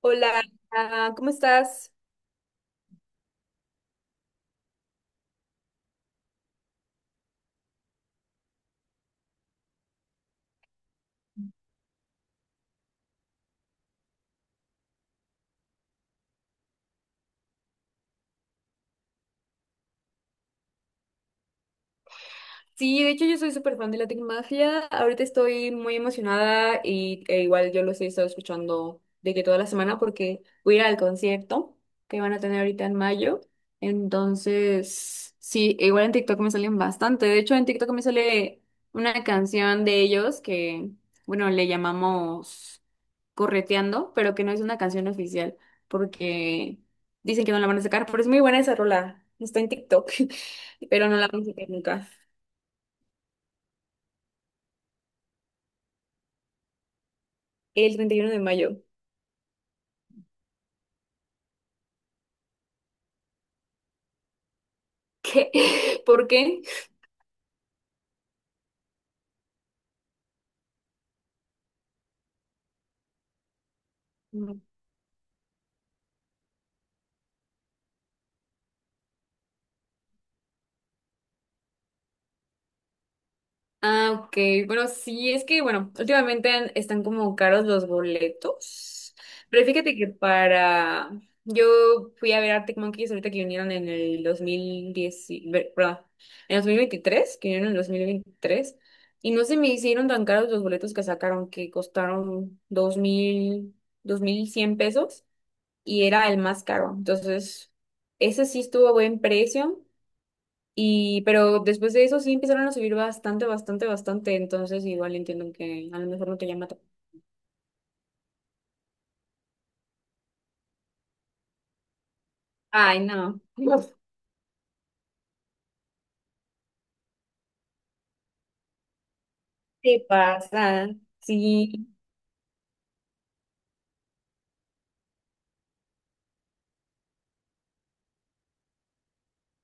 Hola, Ana, ¿cómo estás? Sí, de hecho yo soy súper fan de Latin Mafia. Ahorita estoy muy emocionada e igual yo los he estado escuchando de que toda la semana porque voy a ir al concierto que van a tener ahorita en mayo. Entonces, sí, igual en TikTok me salen bastante. De hecho, en TikTok me sale una canción de ellos que, bueno, le llamamos Correteando, pero que no es una canción oficial porque dicen que no la van a sacar, pero es muy buena esa rola. Está en TikTok, pero no la van a sacar nunca. El 31 de mayo. ¿Qué? ¿Por qué? Mm. Ah, ok. Bueno, sí, es que, bueno, últimamente están como caros los boletos. Pero fíjate que para. Yo fui a ver Arctic Monkeys ahorita que vinieron en el 2010, perdón, en 2023 que vinieron en 2023. Y no se me hicieron tan caros los boletos que sacaron, que costaron 2100 pesos. Y era el más caro. Entonces, ese sí estuvo a buen precio. Y, pero después de eso sí empezaron a subir bastante, bastante, bastante. Entonces igual entiendo que a lo mejor no te llama tanto. Ay, no. ¿Qué pasa? Sí,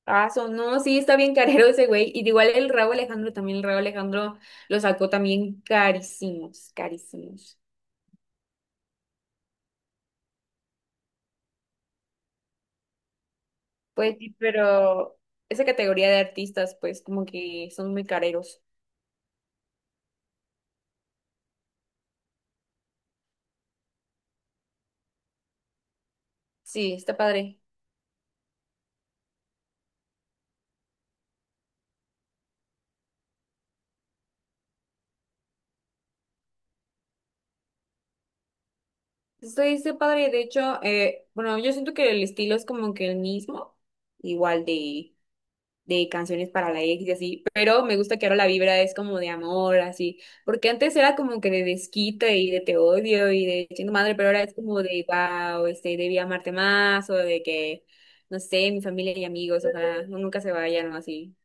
paso. No, sí, está bien carero ese güey. Y de igual el Rauw Alejandro también. El Rauw Alejandro lo sacó también carísimos, carísimos. Pues sí, pero esa categoría de artistas, pues como que son muy careros. Sí, está padre. Estoy, está padre. De hecho, bueno, yo siento que el estilo es como que el mismo. Igual de canciones para la ex y así, pero me gusta que ahora la vibra es como de amor, así, porque antes era como que de desquite y de te odio y de chingo madre, pero ahora es como de wow, este, debí amarte más o de que, no sé, mi familia y amigos, o sea no, nunca se vayan o así.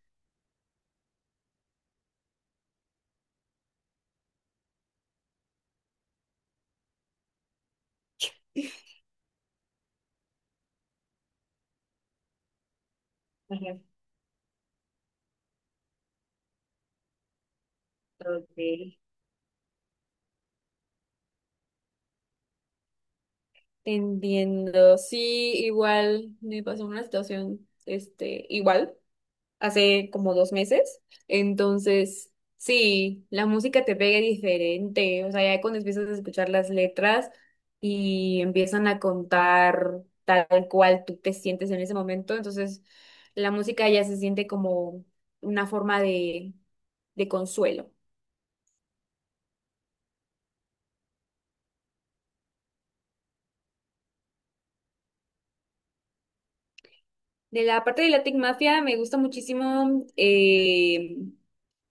Ajá. Okay. Te entiendo, sí, igual me pasó una situación, este, igual, hace como 2 meses. Entonces, sí, la música te pega diferente. O sea, ya cuando empiezas a escuchar las letras y empiezan a contar tal cual tú te sientes en ese momento, entonces la música ya se siente como una forma de consuelo. De la parte de Latin Mafia me gusta muchísimo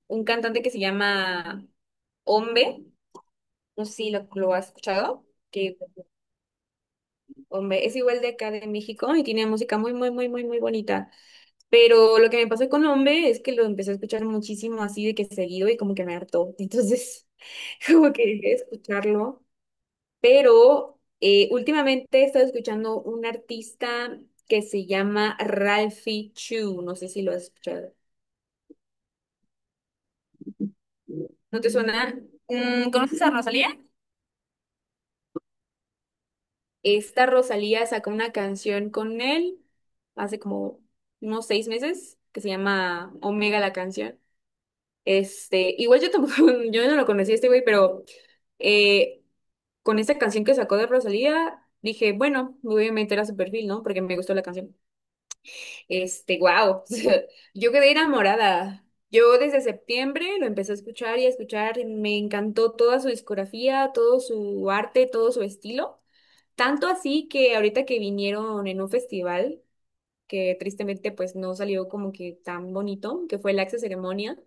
un cantante que se llama Ombe, no sé si lo has escuchado, que Hombre, es igual de acá de México y tiene música muy, muy, muy, muy, muy bonita. Pero lo que me pasó con Hombre es que lo empecé a escuchar muchísimo así de que seguido y como que me hartó. Entonces, como que dejé de escucharlo. Pero últimamente he estado escuchando un artista que se llama Ralphie Chu. No sé si lo has escuchado. ¿No te suena? ¿Conoces a Rosalía? Esta Rosalía sacó una canción con él hace como unos 6 meses que se llama Omega la canción. Igual yo tampoco, yo no lo conocí a este güey, pero eh, con esta canción que sacó de Rosalía, dije, bueno, me voy a meter a su perfil, ¿no? Porque me gustó la canción. Wow, yo quedé enamorada. Yo desde septiembre lo empecé a escuchar y a escuchar, me encantó toda su discografía, todo su arte, todo su estilo. Tanto así que ahorita que vinieron en un festival, que tristemente pues no salió como que tan bonito, que fue el Axe Ceremonia,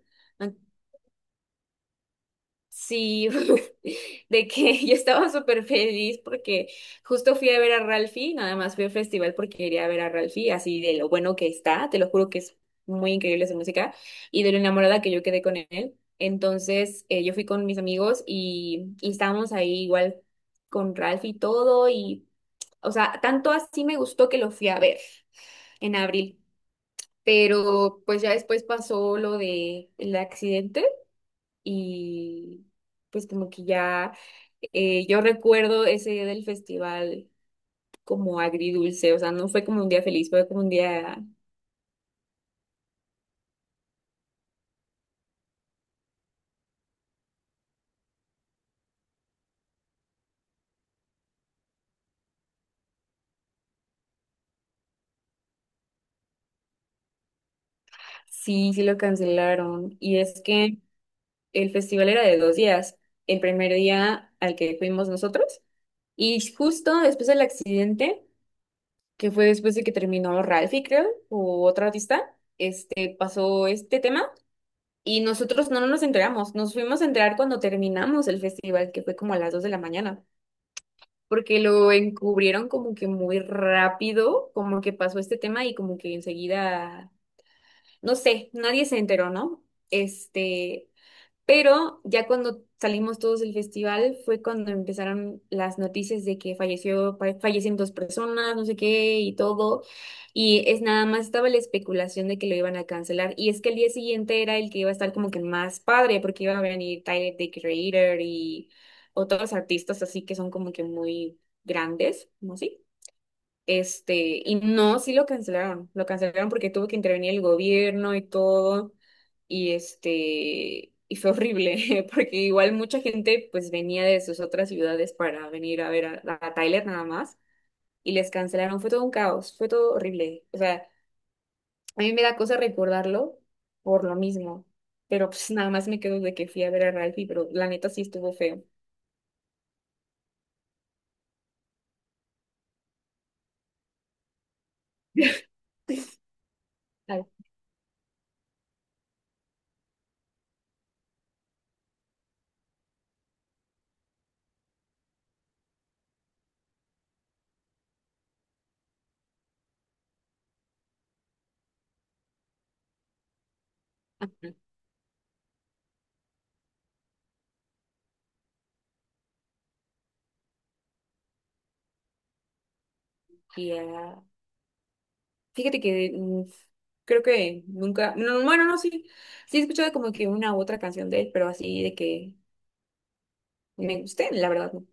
sí, de que yo estaba súper feliz porque justo fui a ver a Ralphie, nada más fui al festival porque quería ver a Ralphie, así de lo bueno que está, te lo juro que es muy increíble su música y de lo enamorada que yo quedé con él. Entonces yo fui con mis amigos y estábamos ahí igual con Ralphie y todo y, o sea, tanto así me gustó que lo fui a ver en abril, pero pues ya después pasó lo del accidente y pues como que ya yo recuerdo ese día del festival como agridulce, o sea, no fue como un día feliz, fue como un día, sí, sí lo cancelaron. Y es que el festival era de 2 días, el primer día al que fuimos nosotros y justo después del accidente, que fue después de que terminó Ralphie, creo, o otro artista, pasó este tema. Y nosotros no nos enteramos, nos fuimos a enterar cuando terminamos el festival, que fue como a las 2 de la mañana. Porque lo encubrieron como que muy rápido, como que pasó este tema y como que enseguida, no sé, nadie se enteró, ¿no? Este, pero ya cuando salimos todos del festival fue cuando empezaron las noticias de que falleció, fallecen dos personas, no sé qué y todo. Y es nada más estaba la especulación de que lo iban a cancelar. Y es que el día siguiente era el que iba a estar como que más padre porque iba a venir Tyler, The Creator y otros artistas así que son como que muy grandes, ¿no? Sí. Y no, sí lo cancelaron porque tuvo que intervenir el gobierno y todo, y y fue horrible, porque igual mucha gente pues venía de sus otras ciudades para venir a ver a Tyler nada más, y les cancelaron, fue todo un caos, fue todo horrible, o sea, a mí me da cosa recordarlo por lo mismo, pero pues nada más me quedo de que fui a ver a Ralphie, pero la neta sí estuvo feo. Ay, ajá, ya. Fíjate que creo que nunca, no, bueno, no, sí, sí he escuchado como que una u otra canción de él, pero así de que me guste la verdad, no.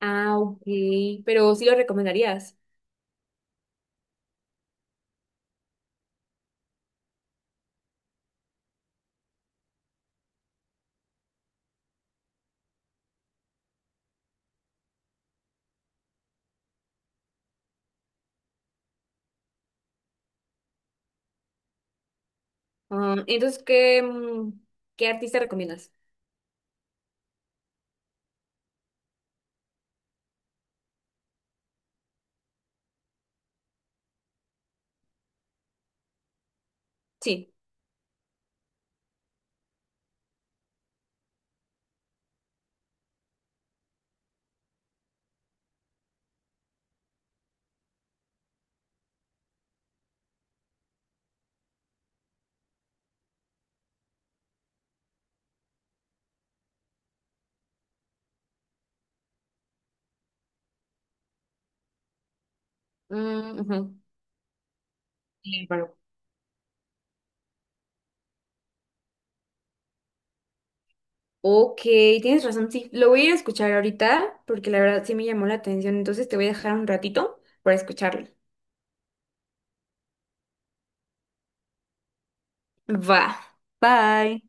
Ah, ok, pero sí lo recomendarías. Ah, entonces, qué artista recomiendas? Sí. Mm, ujú. Sí, claro. Ok, tienes razón, sí. Lo voy a ir a escuchar ahorita porque la verdad sí me llamó la atención, entonces te voy a dejar un ratito para escucharlo. Va. Bye.